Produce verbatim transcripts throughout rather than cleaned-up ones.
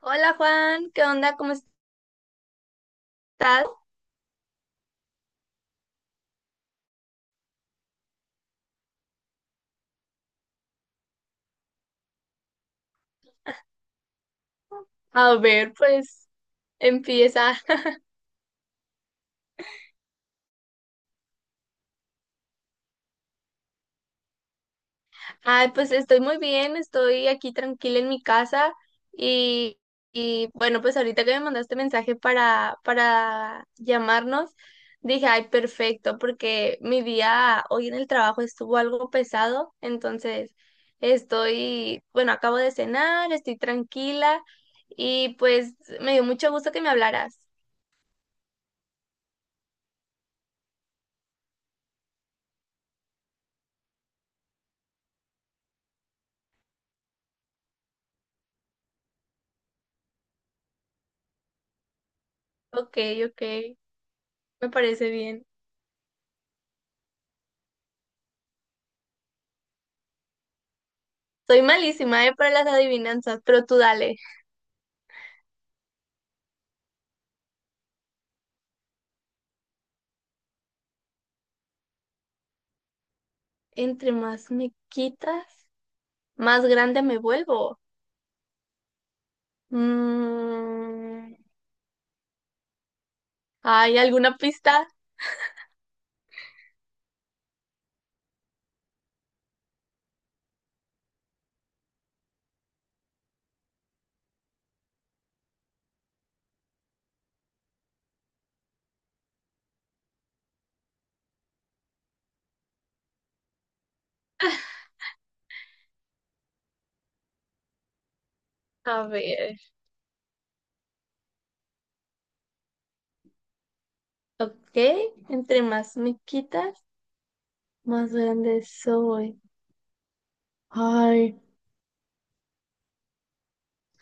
Hola Juan, ¿qué onda? ¿Cómo estás? A ver, pues empieza. Ay, pues estoy muy bien, estoy aquí tranquila en mi casa y, y, bueno, pues ahorita que me mandaste mensaje para, para llamarnos, dije, ay, perfecto, porque mi día hoy en el trabajo estuvo algo pesado, entonces estoy, bueno, acabo de cenar, estoy tranquila y pues me dio mucho gusto que me hablaras. Ok, ok, me parece bien. Soy malísima, eh, para las adivinanzas, pero tú dale. Entre más me quitas, más grande me vuelvo. Mm, ¿hay alguna pista? A ver, ok. Entre más me quitas, más grande soy. Ay.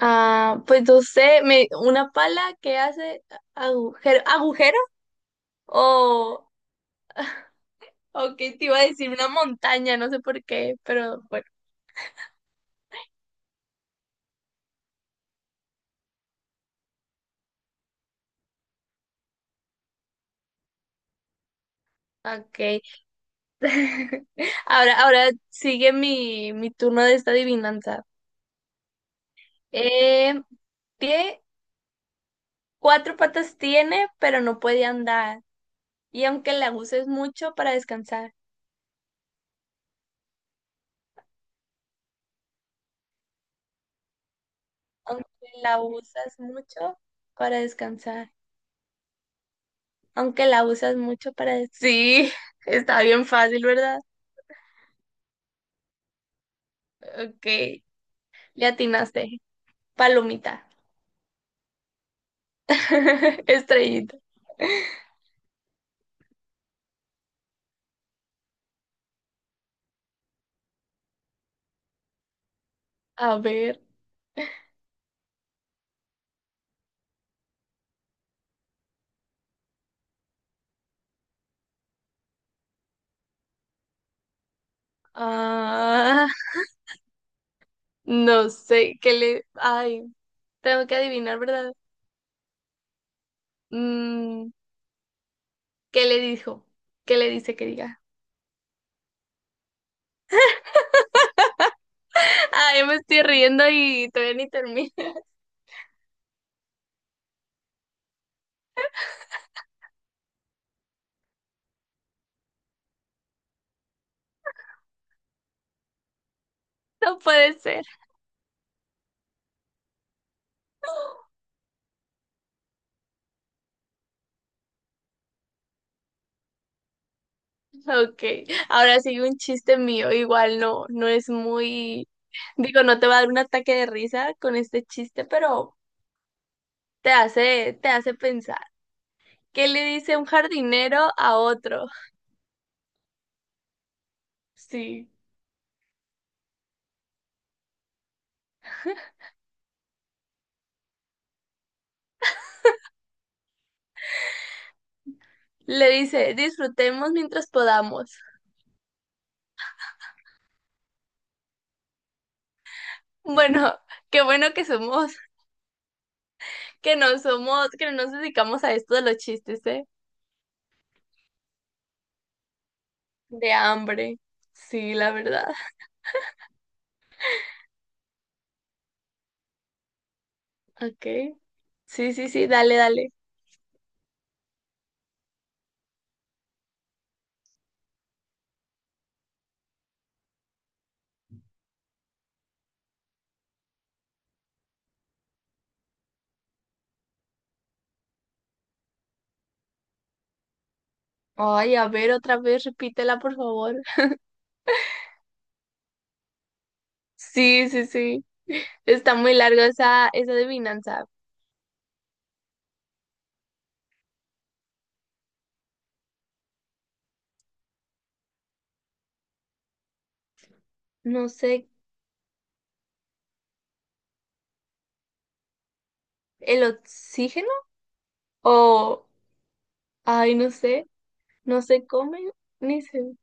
Ah, pues no sé, me, una pala que hace agujero, agujero o, o que te iba a decir una montaña, no sé por qué, pero bueno, ok. Ahora, ahora sigue mi, mi turno de esta adivinanza. Eh, ¿qué cuatro patas tiene, pero no puede andar? Y aunque la uses mucho para descansar, aunque la usas mucho para descansar, aunque la usas mucho para... des- Sí, está bien fácil, ¿verdad? Ok, le atinaste. Palomita, estrellita. A ver, ah, no sé, ¿qué le... Ay. Tengo que adivinar, ¿verdad? Mm, ¿qué le dijo? ¿Qué le dice que diga? Ay, me estoy riendo y todavía ni termino. No puede ser. Ok, ahora sigue un chiste mío. Igual no, no es muy... Digo, no te va a dar un ataque de risa con este chiste, pero te hace, te hace pensar. ¿Qué le dice un jardinero a otro? Sí. Le dice, disfrutemos mientras podamos. Bueno, qué bueno que somos, que no somos, que no nos dedicamos a esto de los chistes, ¿eh? De hambre. Sí, la verdad. Ok. Sí, sí, sí, dale, dale. Ay, a ver, otra vez, repítela, por favor. Sí, sí, sí. Está muy larga esa, esa adivinanza. No sé, ¿el oxígeno? O, ay, no sé, no se come ni se...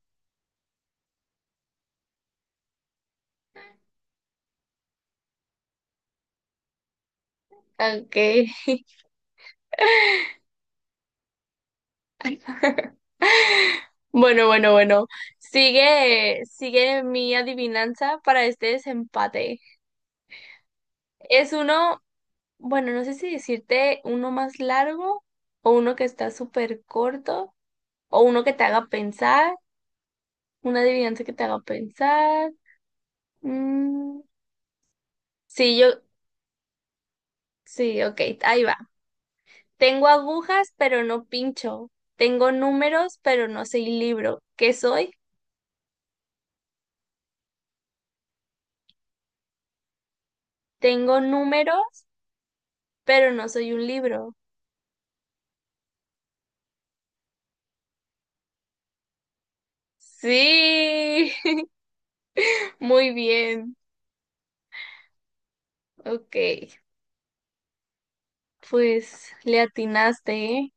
Ok. Bueno, bueno, bueno. Sigue, sigue mi adivinanza para este desempate. Es uno. Bueno, no sé si decirte uno más largo o uno que está súper corto o uno que te haga pensar, una adivinanza que te haga pensar. Mm, sí, yo, sí, ok, ahí va. Tengo agujas, pero no pincho. Tengo números, pero no soy libro. ¿Qué soy? Tengo números, pero no soy un libro. Sí, muy bien. Ok, pues le atinaste, ¿eh?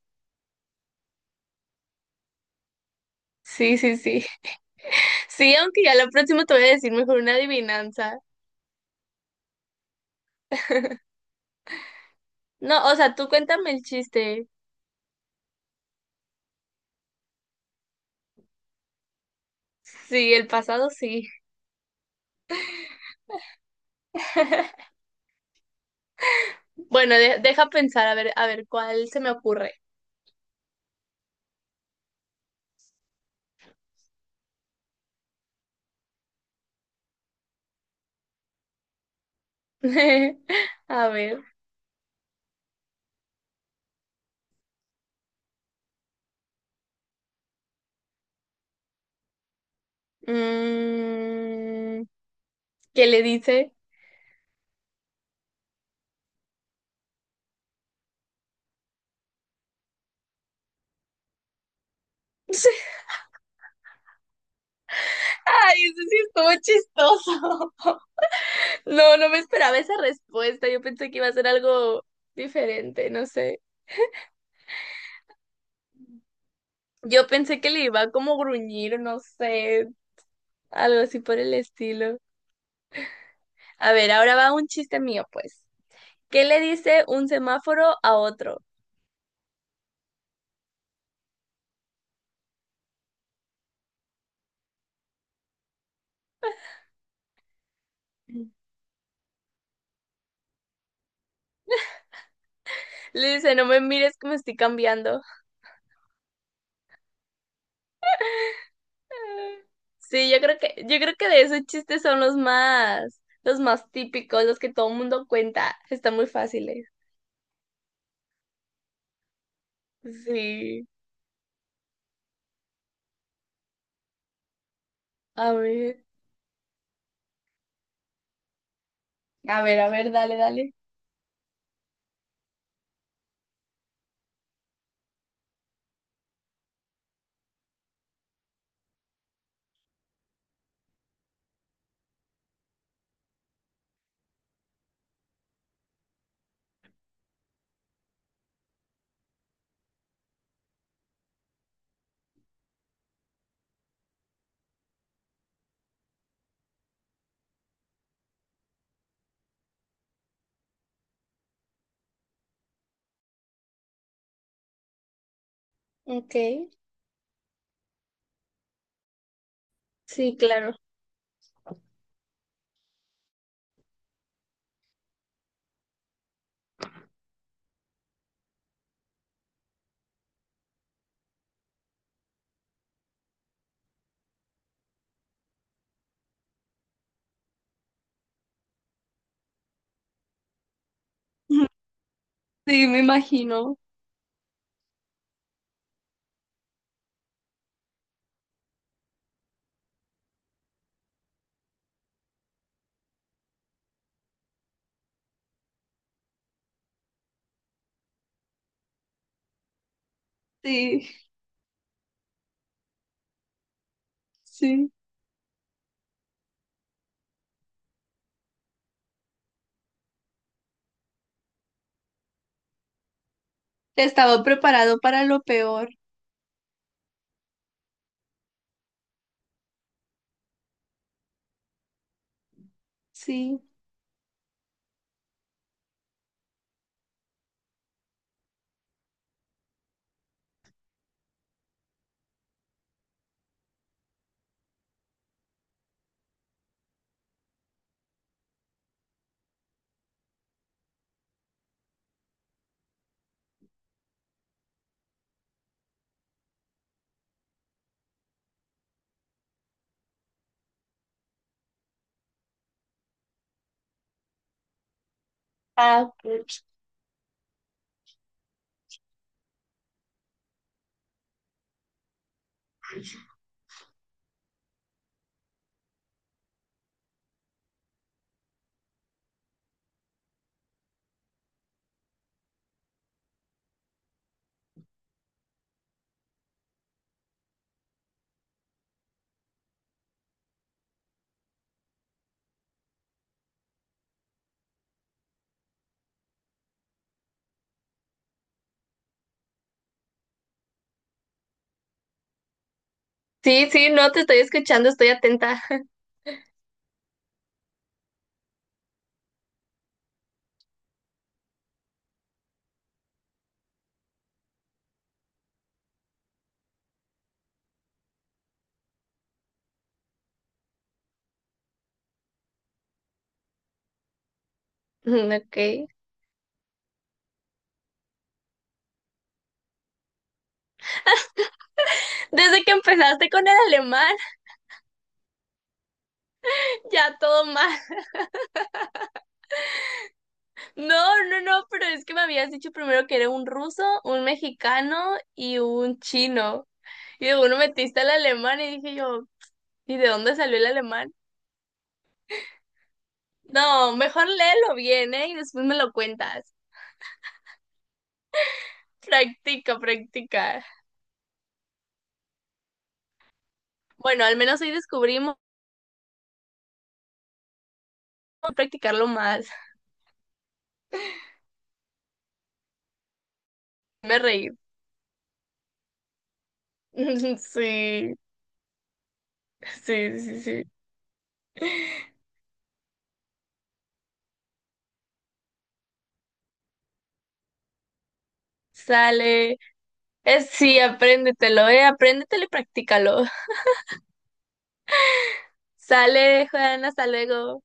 Sí, sí, sí. Sí, aunque ya la próxima te voy a decir mejor una adivinanza. No, o sea, tú cuéntame el chiste. Sí, el pasado sí. Bueno, de- deja pensar, a ver, a ver, ¿cuál se me ocurre? A ver. mm, ¿qué le dice? Ay, eso sí estuvo chistoso. No, no me esperaba esa respuesta. Yo pensé que iba a ser algo diferente, no sé. Yo pensé que le iba a como gruñir, no sé, algo así por el estilo. A ver, ahora va un chiste mío, pues. ¿Qué le dice un semáforo a otro? Le dice, no me mires que me estoy cambiando. Sí, yo creo que, yo creo que de esos chistes son los más, los más típicos, los que todo el mundo cuenta. Están muy fáciles. Sí. A ver, a ver, a ver, dale, dale. Ok. Sí, claro. Sí, me imagino. Sí, sí. Estaba preparado para lo peor. Sí. Ah, ok. Sí, sí, no te estoy escuchando, estoy atenta. Mm, ok. Desde que empezaste con el alemán, ya todo mal. No, no, no, pero es que me habías dicho primero que era un ruso, un mexicano y un chino. Y de uno metiste al alemán y dije yo, ¿y de dónde salió el alemán? No, mejor léelo bien, ¿eh? Y después me lo cuentas. Practica, practica. Bueno, al menos hoy descubrimos practicarlo más. Me reí. Sí, sí, sí, sí. Sale. Es, sí, apréndetelo, eh, apréndetelo y practícalo. Sale, Juana, hasta luego.